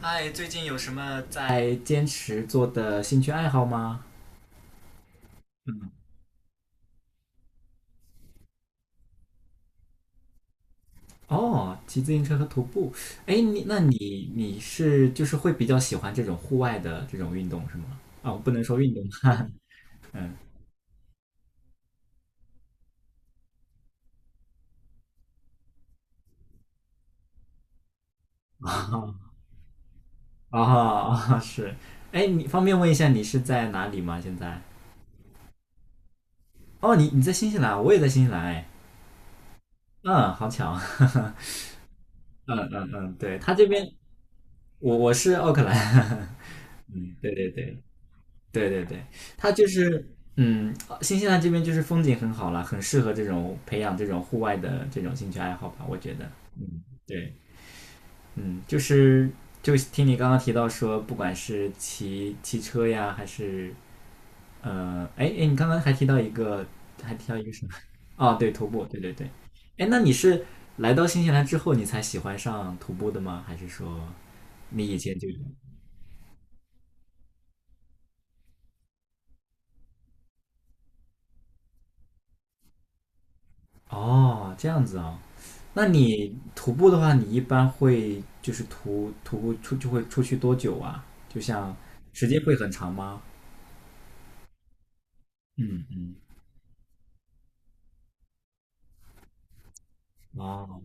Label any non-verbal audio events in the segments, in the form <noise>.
嗨，最近有什么在坚持做的兴趣爱好吗？嗯，哦，骑自行车和徒步。哎，你那你你是就是会比较喜欢这种户外的这种运动是吗？啊、我不能说运动，<laughs> 嗯，啊啊是。哎，你方便问一下你是在哪里吗？现在？哦，你在新西兰，我也在新西兰。哎，嗯，好巧。<laughs> 嗯嗯嗯，对，他这边我是奥克兰。<laughs> 嗯，对对对。对对对，它就是嗯，新西兰这边就是风景很好啦，很适合这种培养这种户外的这种兴趣爱好吧，我觉得。嗯，对，嗯，就是就听你刚刚提到说，不管是骑车呀，还是哎哎，你刚刚还提到一个，还提到一个什么？哦，对，徒步，对对对。哎，那你是来到新西兰之后你才喜欢上徒步的吗？还是说你以前就有？哦，这样子啊？那你徒步的话，你一般会就是徒步就会出去多久啊？就像时间会很长吗？嗯嗯，哦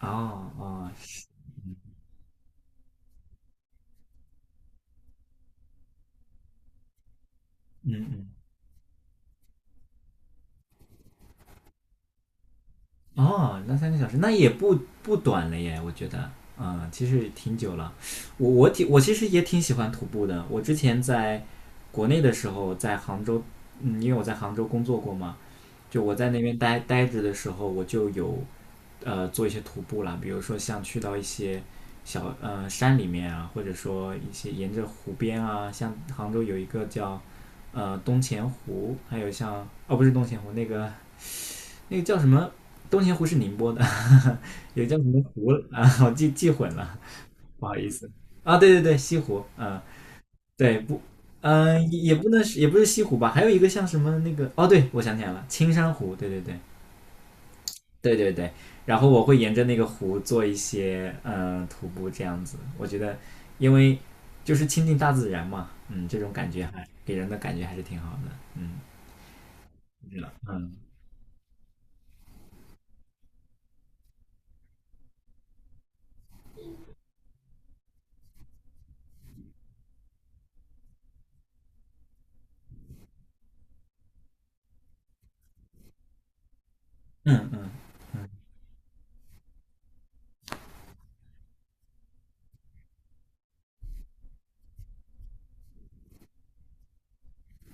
哦哦，嗯嗯，哦，那三个小时那也不短了耶，我觉得，嗯，其实挺久了。我其实也挺喜欢徒步的。我之前在国内的时候，在杭州，嗯，因为我在杭州工作过嘛，就我在那边待着的时候，我就有做一些徒步啦，比如说像去到一些山里面啊，或者说一些沿着湖边啊，像杭州有一个叫东钱湖，还有像哦不是东钱湖，那个叫什么？东钱湖是宁波的，<laughs> 有叫什么湖啊？<laughs> 我记混了，不好意思啊。对对对，西湖，嗯、对不，嗯、也不能是也不是西湖吧？还有一个像什么那个哦，对我想起来了，青山湖，对对对，对对对，然后我会沿着那个湖做一些徒步这样子，我觉得因为就是亲近大自然嘛，嗯，这种感觉还给人的感觉还是挺好的，嗯，是的，嗯嗯嗯，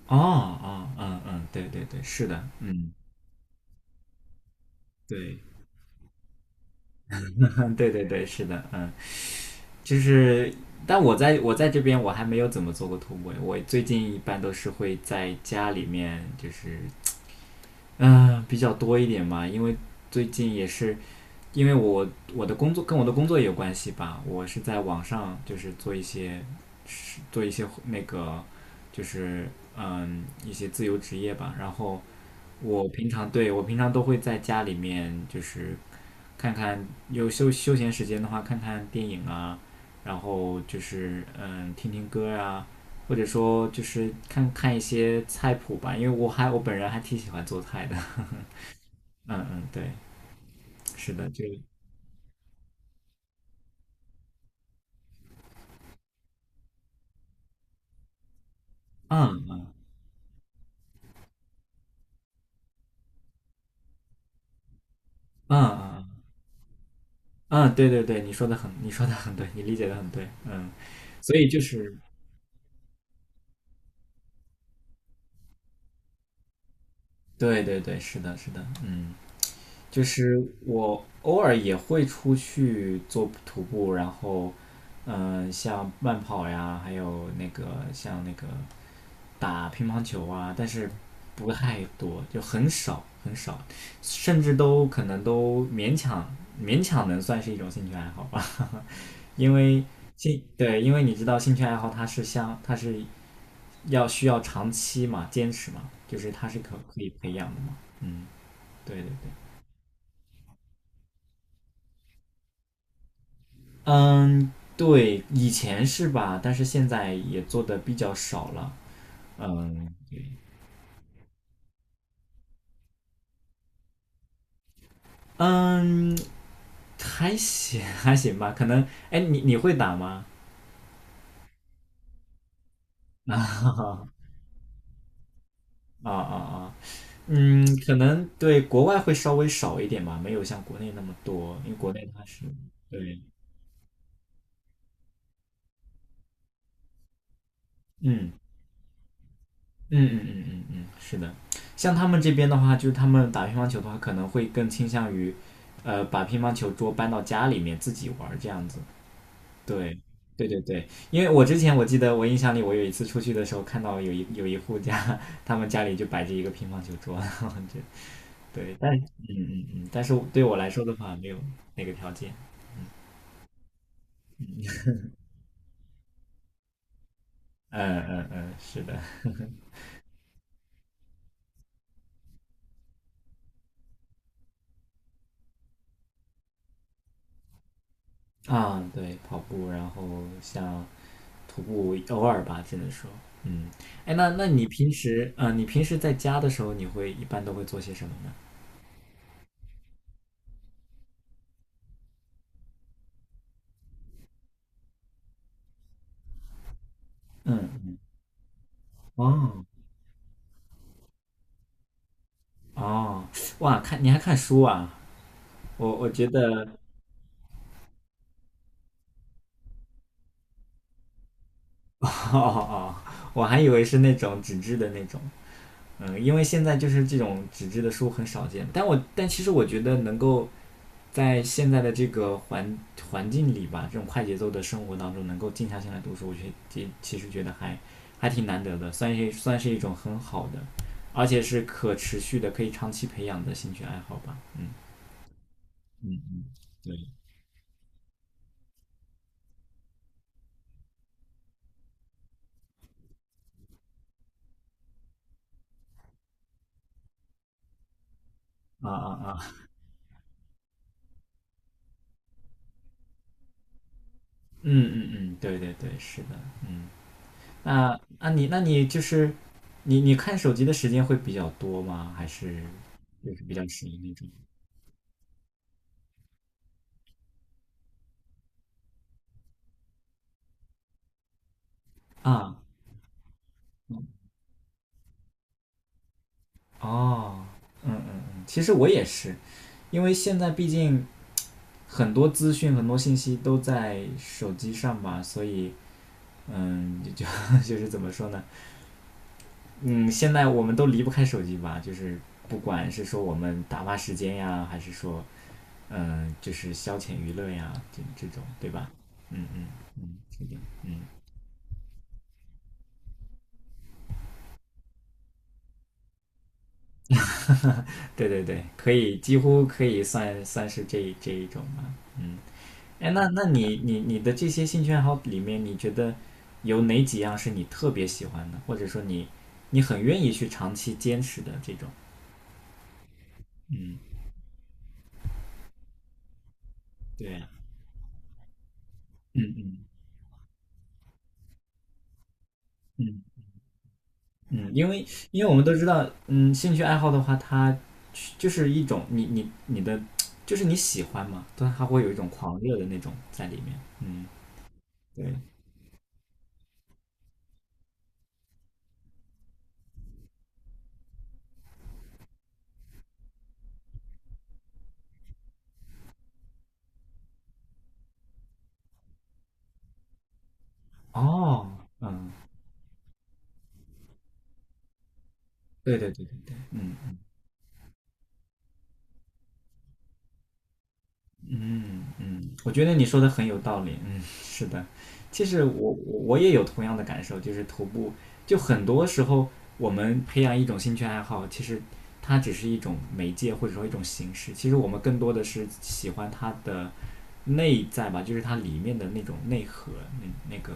哦哦嗯嗯，对对对，是的，嗯，对，<laughs> 对对对，是的，嗯，就是。但我在这边我还没有怎么做过徒步，我最近一般都是会在家里面，就是比较多一点嘛，因为最近也是因为我的工作也有关系吧，我是在网上就是做一些那个就是一些自由职业吧，然后我平常都会在家里面就是看看有休闲时间的话看看电影啊，然后就是听听歌啊，或者说就是看看一些菜谱吧，因为我本人还挺喜欢做菜的，<laughs> 嗯嗯对，是的，就嗯嗯嗯嗯。嗯嗯，对对对，你说的很对，你理解的很对，嗯，所以就是，对对对，是的，是的，嗯，就是我偶尔也会出去做徒步，然后，像慢跑呀，还有那个像那个打乒乓球啊，但是不太多，就很少很少，甚至都可能都勉强能算是一种兴趣爱好吧，<laughs> 因为对，因为你知道兴趣爱好它是要需要长期嘛，坚持嘛，就是它是可以培养的嘛。嗯，对对对，嗯，对，以前是吧，但是现在也做的比较少了。嗯嗯，还行 <laughs> 还行吧，可能哎，你会打吗？<laughs> 啊啊啊啊嗯，可能对国外会稍微少一点吧，没有像国内那么多，因为国内它是对，嗯。嗯嗯嗯嗯嗯，是的。像他们这边的话，就是他们打乒乓球的话，可能会更倾向于，把乒乓球桌搬到家里面自己玩儿这样子。对，对对对，因为我之前我记得我印象里，我有一次出去的时候看到有一户家，他们家里就摆着一个乒乓球桌，<laughs> 然后就对，但嗯嗯嗯，但是对我来说的话，没有那个条件。嗯嗯嗯，是的。啊，对，跑步，然后像徒步，偶尔吧，只能说，嗯，哎，那你平时，你平时在家的时候，你会一般都会做些什么呢？嗯嗯，哦哦，哇，看你还看书啊？我觉得，<laughs> 哦哦，我还以为是那种纸质的那种，嗯，因为现在就是这种纸质的书很少见，但其实我觉得能够在现在的这个环境里吧，这种快节奏的生活当中，能够静下心来读书，我觉得其实觉得还挺难得的，算是一种很好的，而且是可持续的、可以长期培养的兴趣爱好吧。嗯嗯嗯，对。啊啊啊！嗯嗯嗯，对对对，是的。嗯，那那你那你就是你看手机的时间会比较多吗？还是就是比较少那种啊？哦，嗯嗯嗯，其实我也是，因为现在毕竟很多资讯、很多信息都在手机上吧，所以嗯，就就 <laughs> 是怎么说呢？嗯，现在我们都离不开手机吧，就是不管是说我们打发时间呀，还是说就是消遣娱乐呀，这种对吧？嗯嗯嗯，确定，嗯，<laughs> 对对对，可以，几乎可以算是这一种吧，嗯。哎，那你的这些兴趣爱好里面，你觉得有哪几样是你特别喜欢的，或者说你很愿意去长期坚持的这种？嗯，对，嗯嗯嗯嗯，因为我们都知道，嗯，兴趣爱好的话，它就是一种你的，就是你喜欢嘛，但它会有一种狂热的那种在里面。嗯，对，哦，嗯，对对对对对，嗯。嗯嗯，我觉得你说的很有道理。嗯，是的，其实我也有同样的感受，就是徒步，就很多时候我们培养一种兴趣爱好，其实它只是一种媒介或者说一种形式，其实我们更多的是喜欢它的内在吧，就是它里面的那种内核，那那个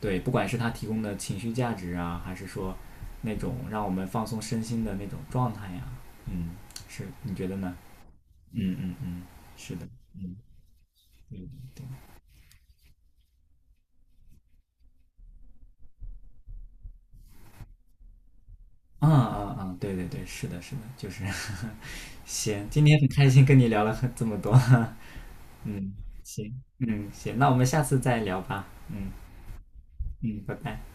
对，不管是它提供的情绪价值啊，还是说那种让我们放松身心的那种状态呀、嗯，是，你觉得呢？嗯嗯嗯，是的，嗯。对对对，嗯嗯嗯，对对对，是的，是的，就是 <laughs> 行，今天很开心跟你聊了这么多，<laughs> 嗯，行，嗯，行，那我们下次再聊吧，嗯嗯，拜拜。